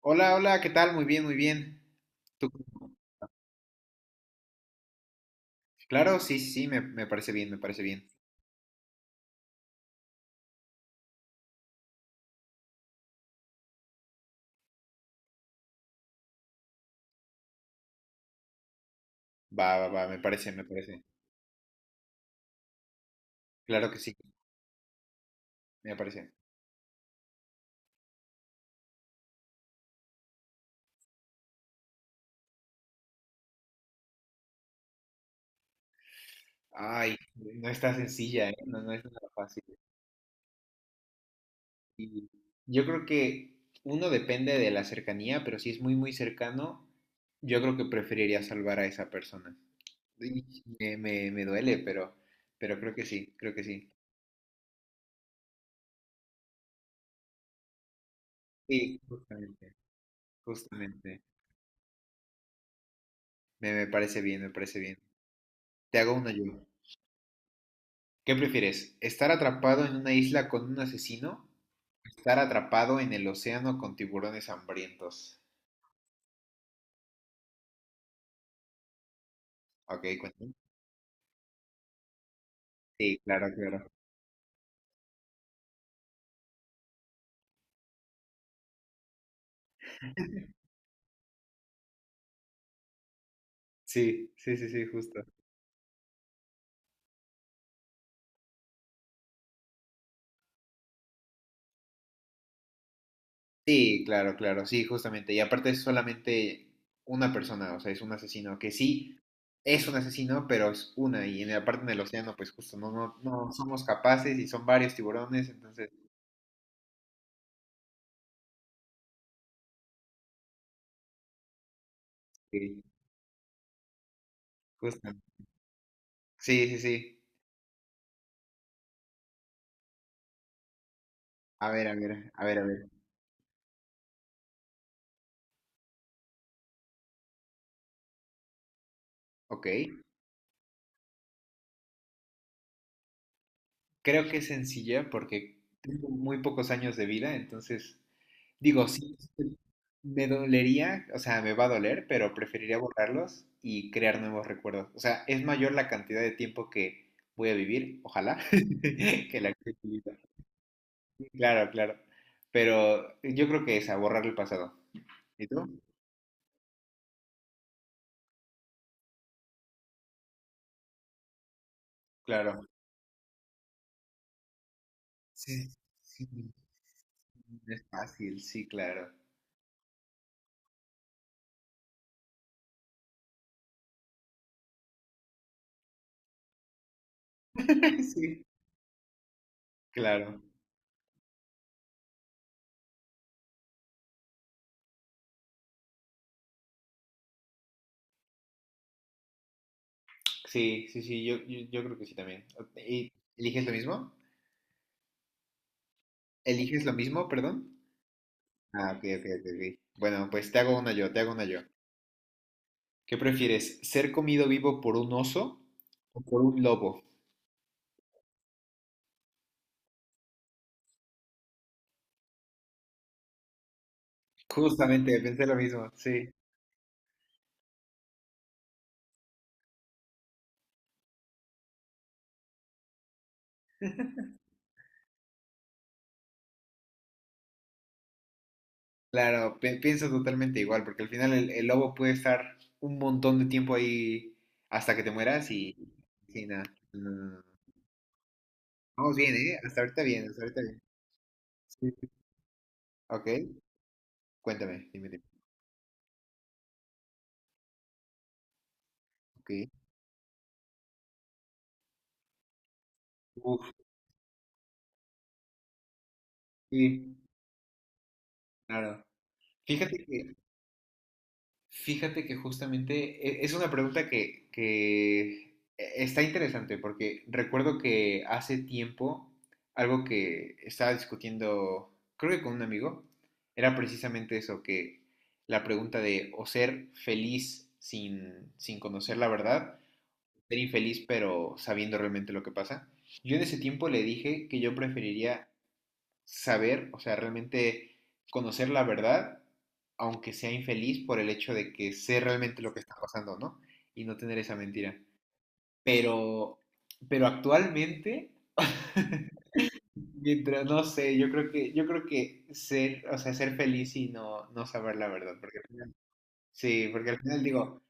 Hola, hola, ¿qué tal? Muy bien, muy bien. ¿Tú cómo? Claro, sí, sí, sí, me parece bien, me parece bien. Va, va, va, me parece, me parece. Claro que sí, me parece. Ay, no está sencilla, ¿eh? No, no es nada fácil. Y yo creo que uno depende de la cercanía, pero si es muy, muy cercano, yo creo que preferiría salvar a esa persona. Y Me duele, pero creo que sí, creo que sí. Sí, justamente, justamente. Me parece bien, me parece bien. Te hago una yo. ¿Qué prefieres? ¿Estar atrapado en una isla con un asesino? ¿Estar atrapado en el océano con tiburones hambrientos? Ok, cuéntame. Sí, claro, claro. Sí, sí, sí, sí, justo. Sí, claro, claro, sí, justamente. Y aparte es solamente una persona, o sea, es un asesino que sí es un asesino, pero es una. Y en la parte del océano, pues justo no, no, no somos capaces y son varios tiburones, entonces, sí, justo. Sí, sí, sí. A ver, a ver, a ver, a ver. Ok. Creo que es sencilla porque tengo muy pocos años de vida, entonces digo, sí, me dolería, o sea, me va a doler, pero preferiría borrarlos y crear nuevos recuerdos. O sea, es mayor la cantidad de tiempo que voy a vivir, ojalá, que la que he vivido. Claro, claro. Pero yo creo que es a borrar el pasado. ¿Y tú? Claro. Sí, sí, no es fácil, sí, claro. Sí, claro. Sí, sí, sí, yo creo que sí también. ¿Y eliges lo mismo? ¿Eliges lo mismo, perdón? Ah, ok, ok, ok. Ok. Bueno, pues te hago una yo, te hago una yo. ¿Qué prefieres? ¿Ser comido vivo por un oso o por un lobo? Justamente, pensé lo mismo, sí. Claro, pienso totalmente igual, porque al final el lobo puede estar un montón de tiempo ahí hasta que te mueras y nada. Mm, Vamos bien, ¿eh? Hasta ahorita bien, hasta ahorita bien. Sí. Sí. Ok, cuéntame, dime, dime. Ok. Uf, sí, claro. Fíjate que Fíjate que justamente es una pregunta que está interesante porque recuerdo que hace tiempo algo que estaba discutiendo, creo que con un amigo, era precisamente eso, que la pregunta de o ser feliz sin conocer la verdad, ser infeliz pero sabiendo realmente lo que pasa. Yo en ese tiempo le dije que yo preferiría saber, o sea, realmente conocer la verdad, aunque sea infeliz por el hecho de que sé realmente lo que está pasando, ¿no? Y no tener esa mentira. Pero, pero actualmente, mientras, no sé, yo creo que ser, o sea, ser feliz y no saber la verdad, sí, porque al final digo,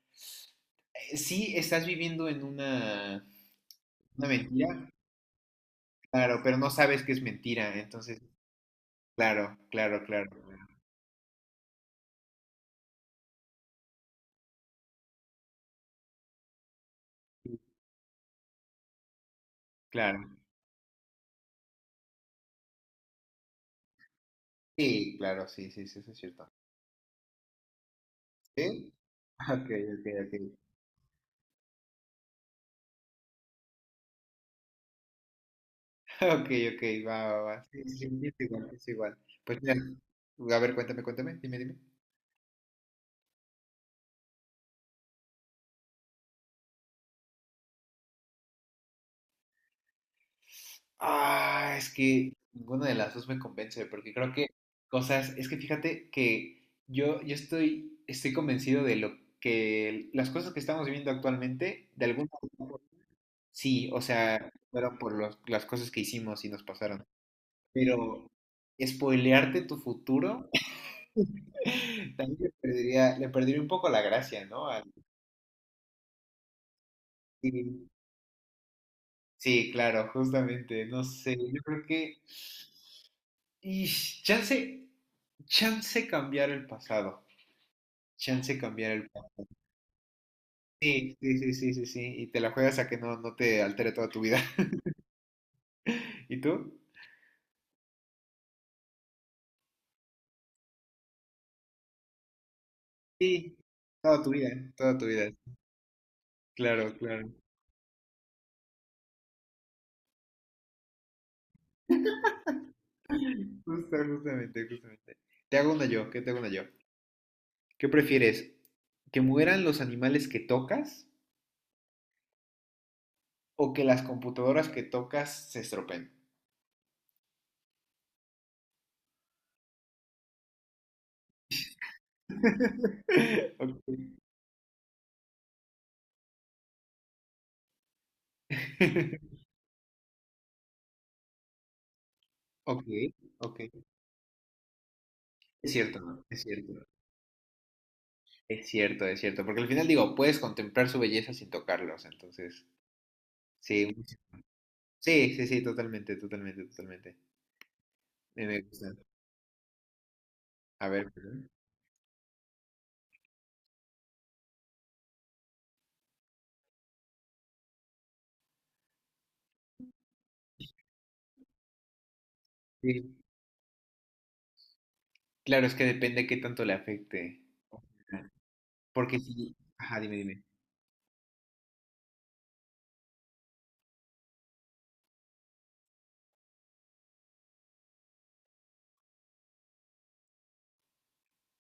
sí estás viviendo en una mentira, claro, pero no sabes que es mentira, entonces, claro, claro, claro, claro. Claro. Sí, claro, sí, sí, sí, eso es cierto. ¿Sí? Ok, ok, ok. Ok, ok, va, va, va. Sí, sí, sí, es igual, es igual. Pues mira, a ver, cuéntame, cuéntame, dime, dime. Ah, es que ninguna de las dos me convence, porque creo que cosas, es que fíjate que yo estoy convencido de lo que las cosas que estamos viviendo actualmente, de alguna forma, sí, o sea, fueron por las cosas que hicimos y nos pasaron. Pero spoilearte tu futuro. También le perdería un poco la gracia, ¿no? Sí, sí, claro, justamente, no sé, yo creo que... Y chance, chance cambiar el pasado, chance cambiar el pasado. Sí, sí, sí, sí, sí, sí, y te la juegas a que no te altere toda tu vida. ¿Y tú? Sí, toda tu vida, ¿eh? Toda tu vida. Claro, claro. Justamente, justamente. Te hago una yo, ¿qué te hago una yo? ¿Qué prefieres? ¿Que mueran los animales que tocas? O que las computadoras que tocas se estropeen. Ok, ok, ok. Es cierto, ¿no? Es cierto. Es cierto, es cierto. Porque al final digo, puedes contemplar su belleza sin tocarlos. Entonces, sí, sí, sí, sí, totalmente, totalmente, totalmente. Me gusta. A ver, perdón. Sí. Claro, es que depende qué tanto le afecte. Porque sí, ajá, dime, dime.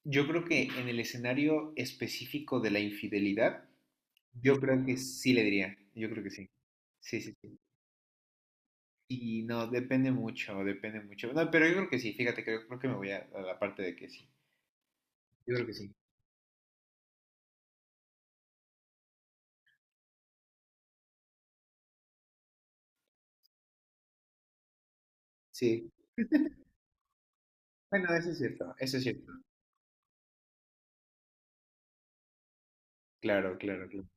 Yo creo que en el escenario específico de la infidelidad, yo creo que sí le diría. Yo creo que sí. Sí, sí, sí. Y no, depende mucho, depende mucho. No, pero yo creo que sí, fíjate que yo creo que me voy a la parte de que sí. Yo creo que sí. Sí. Bueno, eso es cierto, eso es cierto. Claro, claro, claro.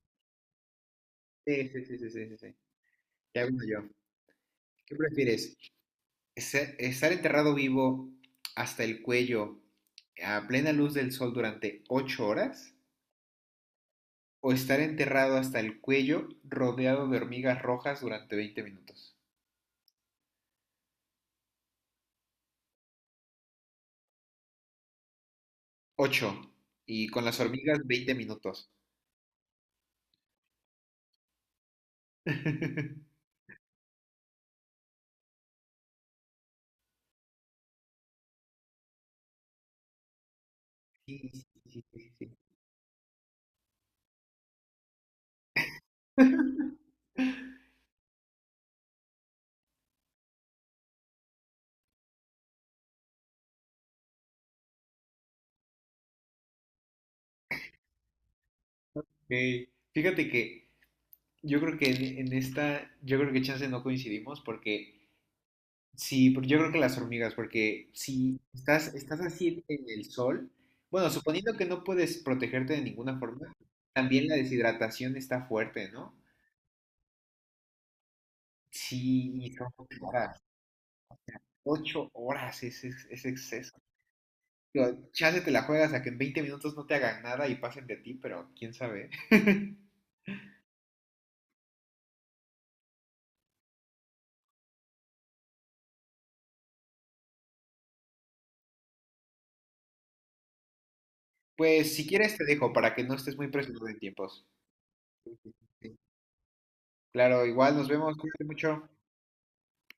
Sí, sí, sí, sí, sí, sí, sí. Ya vino yo. ¿Qué prefieres? ¿Estar enterrado vivo hasta el cuello a plena luz del sol durante 8 horas? ¿O estar enterrado hasta el cuello rodeado de hormigas rojas durante 20 minutos? Ocho. Y con las hormigas 20 minutos. Sí, sí, sí, sí, sí. Ey, fíjate que yo creo que en, esta, yo creo que chance no coincidimos porque sí, porque yo creo que las hormigas, porque si estás así en el sol, bueno, suponiendo que no puedes protegerte de ninguna forma, también la deshidratación está fuerte, ¿no? Sí, y son 8 horas, 8 horas es, es exceso. Digo, chance te la juegas a que en 20 minutos no te hagan nada y pasen de ti, pero quién sabe. Pues si quieres te dejo para que no estés muy presionado en tiempos. Sí, sí, sí. Sí. Claro, igual nos vemos, cuídate mucho.